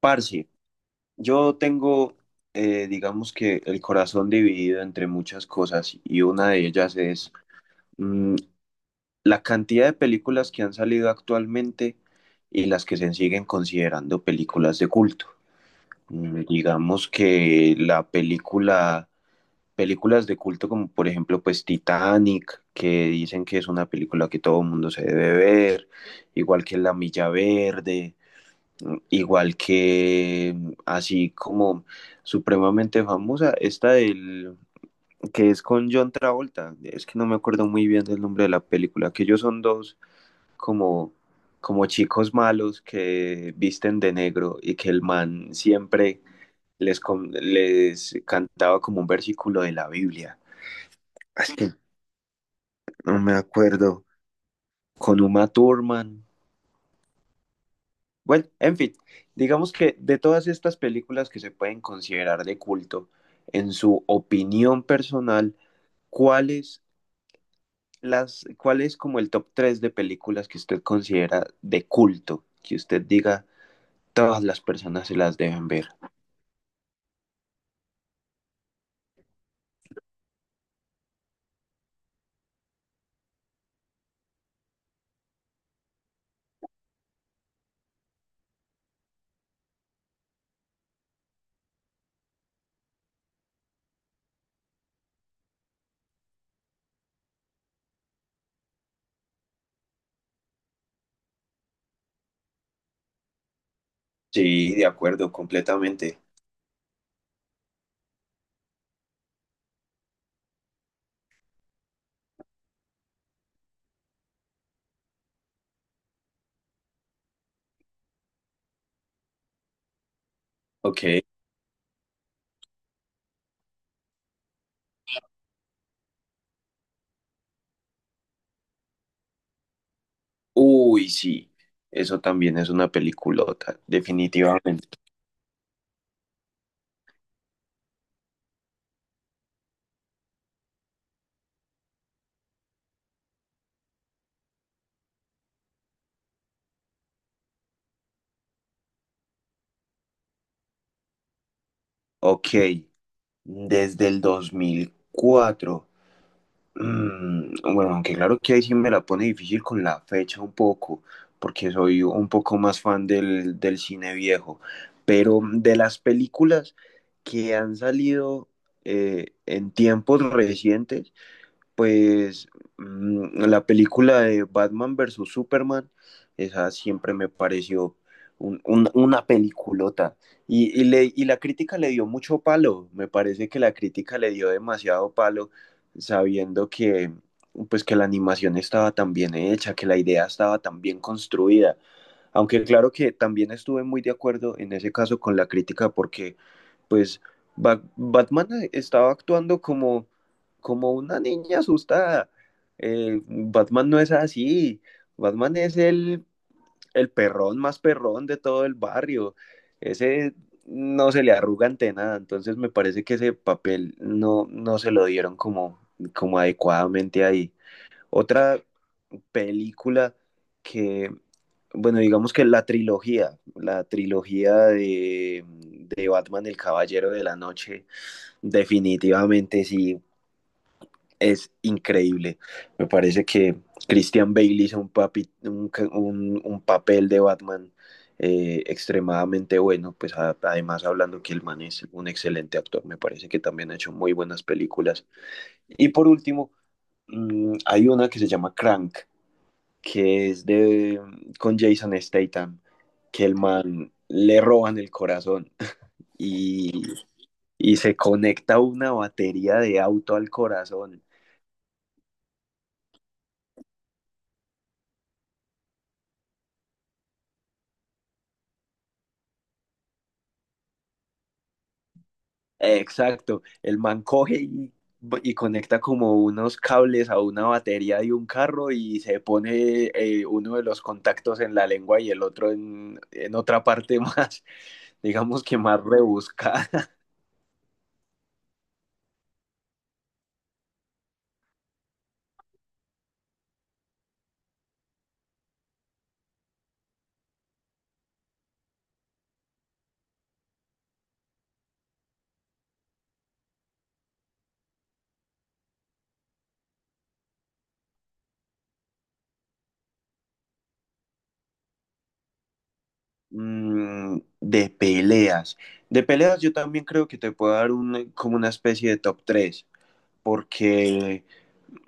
Parce, yo tengo, digamos que el corazón dividido entre muchas cosas y una de ellas es mm, la cantidad de películas que han salido actualmente y las que se siguen considerando películas de culto. Digamos que películas de culto como por ejemplo pues Titanic, que dicen que es una película que todo el mundo se debe ver, igual que La Milla Verde. Igual que, así como supremamente famosa, esta del que es con John Travolta, es que no me acuerdo muy bien del nombre de la película, que ellos son dos como, como chicos malos que visten de negro y que el man siempre les cantaba como un versículo de la Biblia. Es que no me acuerdo. Con Uma Thurman. Bueno, en fin, digamos que de todas estas películas que se pueden considerar de culto, en su opinión personal, ¿cuáles ¿cuál es como el top 3 de películas que usted considera de culto? Que usted diga, todas las personas se las deben ver. Sí, de acuerdo, completamente. Ok. Uy, sí, eso también es una peliculota, definitivamente. Ok, desde el 2004. Mm, bueno, aunque claro que ahí sí me la pone difícil con la fecha un poco, porque soy un poco más fan del cine viejo, pero de las películas que han salido en tiempos recientes, pues la película de Batman versus Superman, esa siempre me pareció una peliculota. Y la crítica le dio mucho palo, me parece que la crítica le dio demasiado palo, sabiendo que, pues, que la animación estaba tan bien hecha, que la idea estaba tan bien construida. Aunque claro que también estuve muy de acuerdo en ese caso con la crítica porque pues Batman estaba actuando como, como una niña asustada. Batman no es así. Batman es el perrón más perrón de todo el barrio. Ese no se le arruga ante nada. Entonces me parece que ese papel no se lo dieron como, como adecuadamente ahí. Otra película que, bueno, digamos que la trilogía de Batman, el Caballero de la Noche. Definitivamente sí, es increíble. Me parece que Christian Bale hizo un, papi, un, ca- un papel de Batman extremadamente bueno, pues además hablando que el man es un excelente actor, me parece que también ha hecho muy buenas películas. Y por último, hay una que se llama Crank, que es de, con Jason Statham, que el man le roban el corazón y, y se conecta una batería de auto al corazón. Exacto, el man coge y conecta como unos cables a una batería de un carro y se pone uno de los contactos en la lengua y el otro en otra parte más, digamos que más rebuscada. Mm, de peleas. De peleas yo también creo que te puedo dar un, como una especie de top 3 porque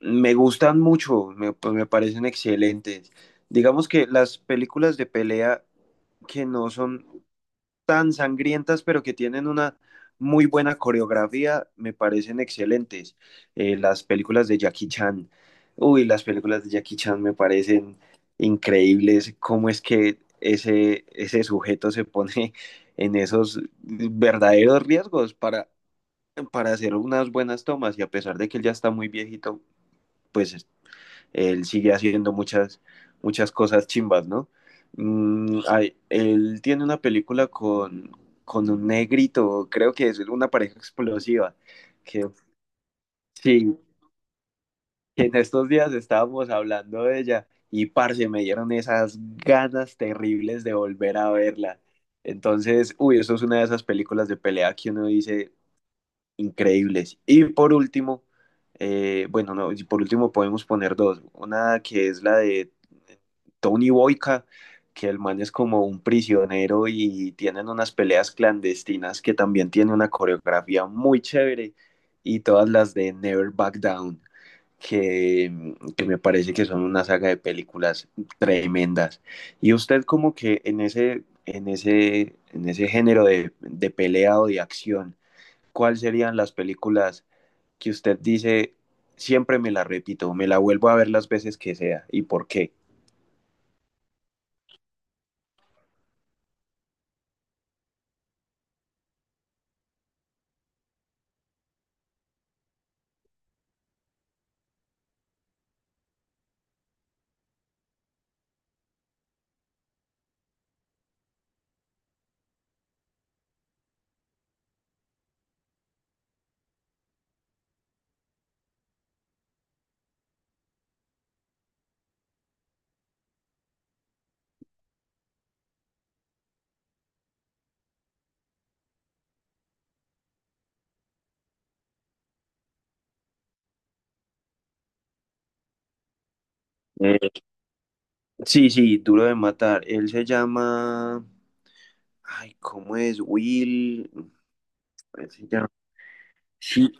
me gustan mucho, me, pues me parecen excelentes. Digamos que las películas de pelea que no son tan sangrientas, pero que tienen una muy buena coreografía, me parecen excelentes. Las películas de Jackie Chan, uy, las películas de Jackie Chan me parecen increíbles, cómo es que ese sujeto se pone en esos verdaderos riesgos para hacer unas buenas tomas y a pesar de que él ya está muy viejito, pues él sigue haciendo muchas, muchas cosas chimbas, ¿no? Él tiene una película con un negrito, creo que es una pareja explosiva, que sí, que en estos días estábamos hablando de ella y parce, me dieron esas ganas terribles de volver a verla. Entonces, uy, eso es una de esas películas de pelea que uno dice, increíbles. Y por último, bueno, no, y por último podemos poner dos. Una que es la de Tony Boyka, que el man es como un prisionero y tienen unas peleas clandestinas que también tiene una coreografía muy chévere. Y todas las de Never Back Down, que me parece que son una saga de películas tremendas. Y usted como que en ese género de pelea o de acción, ¿cuáles serían las películas que usted dice, siempre me la repito, me la vuelvo a ver las veces que sea y por qué? Eh, sí, sí, Duro de Matar. Él se llama... Ay, ¿cómo es? Will... Él se llama- Sí.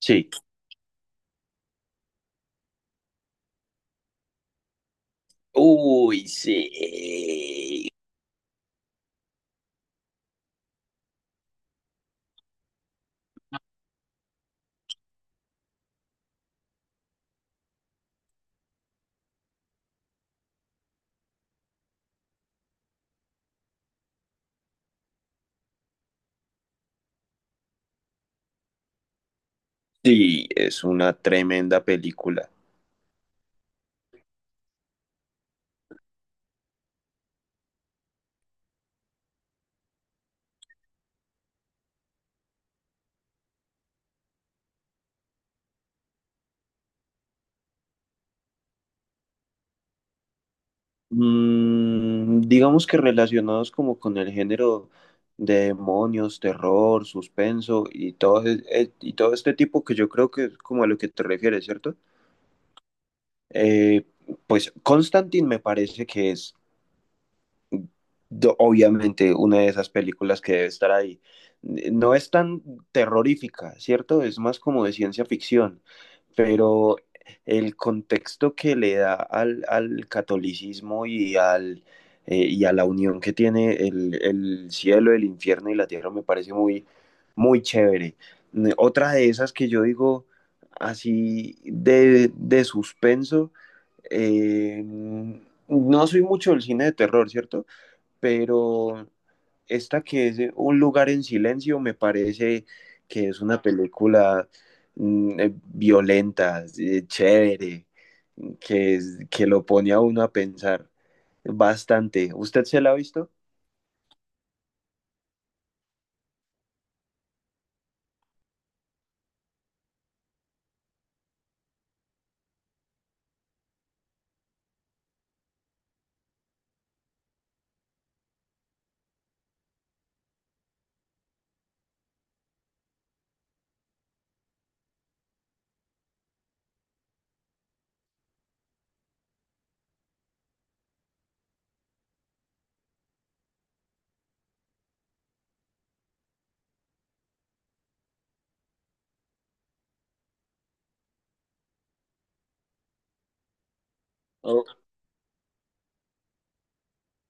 Sí. Uy, sí. Sí, es una tremenda película. Mm, digamos que relacionados como con el género de demonios, terror, suspenso y todo, y todo este tipo que yo creo que es como a lo que te refieres, ¿cierto? Eh, pues Constantine me parece que es obviamente una de esas películas que debe estar ahí. No es tan terrorífica, ¿cierto? Es más como de ciencia ficción, pero el contexto que le da al catolicismo y a la unión que tiene el cielo, el infierno y la tierra me parece muy, muy chévere. Mm, otra de esas que yo digo así de suspenso, eh, no soy mucho del cine de terror, ¿cierto? Pero esta que es Un lugar en silencio me parece que es una película violenta, chévere, que lo pone a uno a pensar bastante. ¿Usted se la ha visto?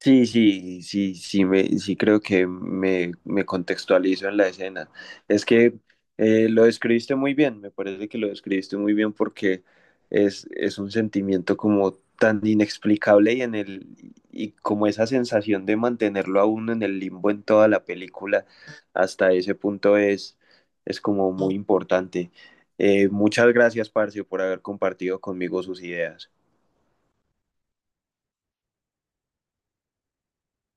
Sí, sí, sí, sí, me, sí creo que me contextualizo en la escena. Es que lo describiste muy bien, me parece que lo describiste muy bien porque es un sentimiento como tan inexplicable y como esa sensación de mantenerlo a uno en el limbo en toda la película, hasta ese punto es como muy importante. Muchas gracias, Parcio, por haber compartido conmigo sus ideas.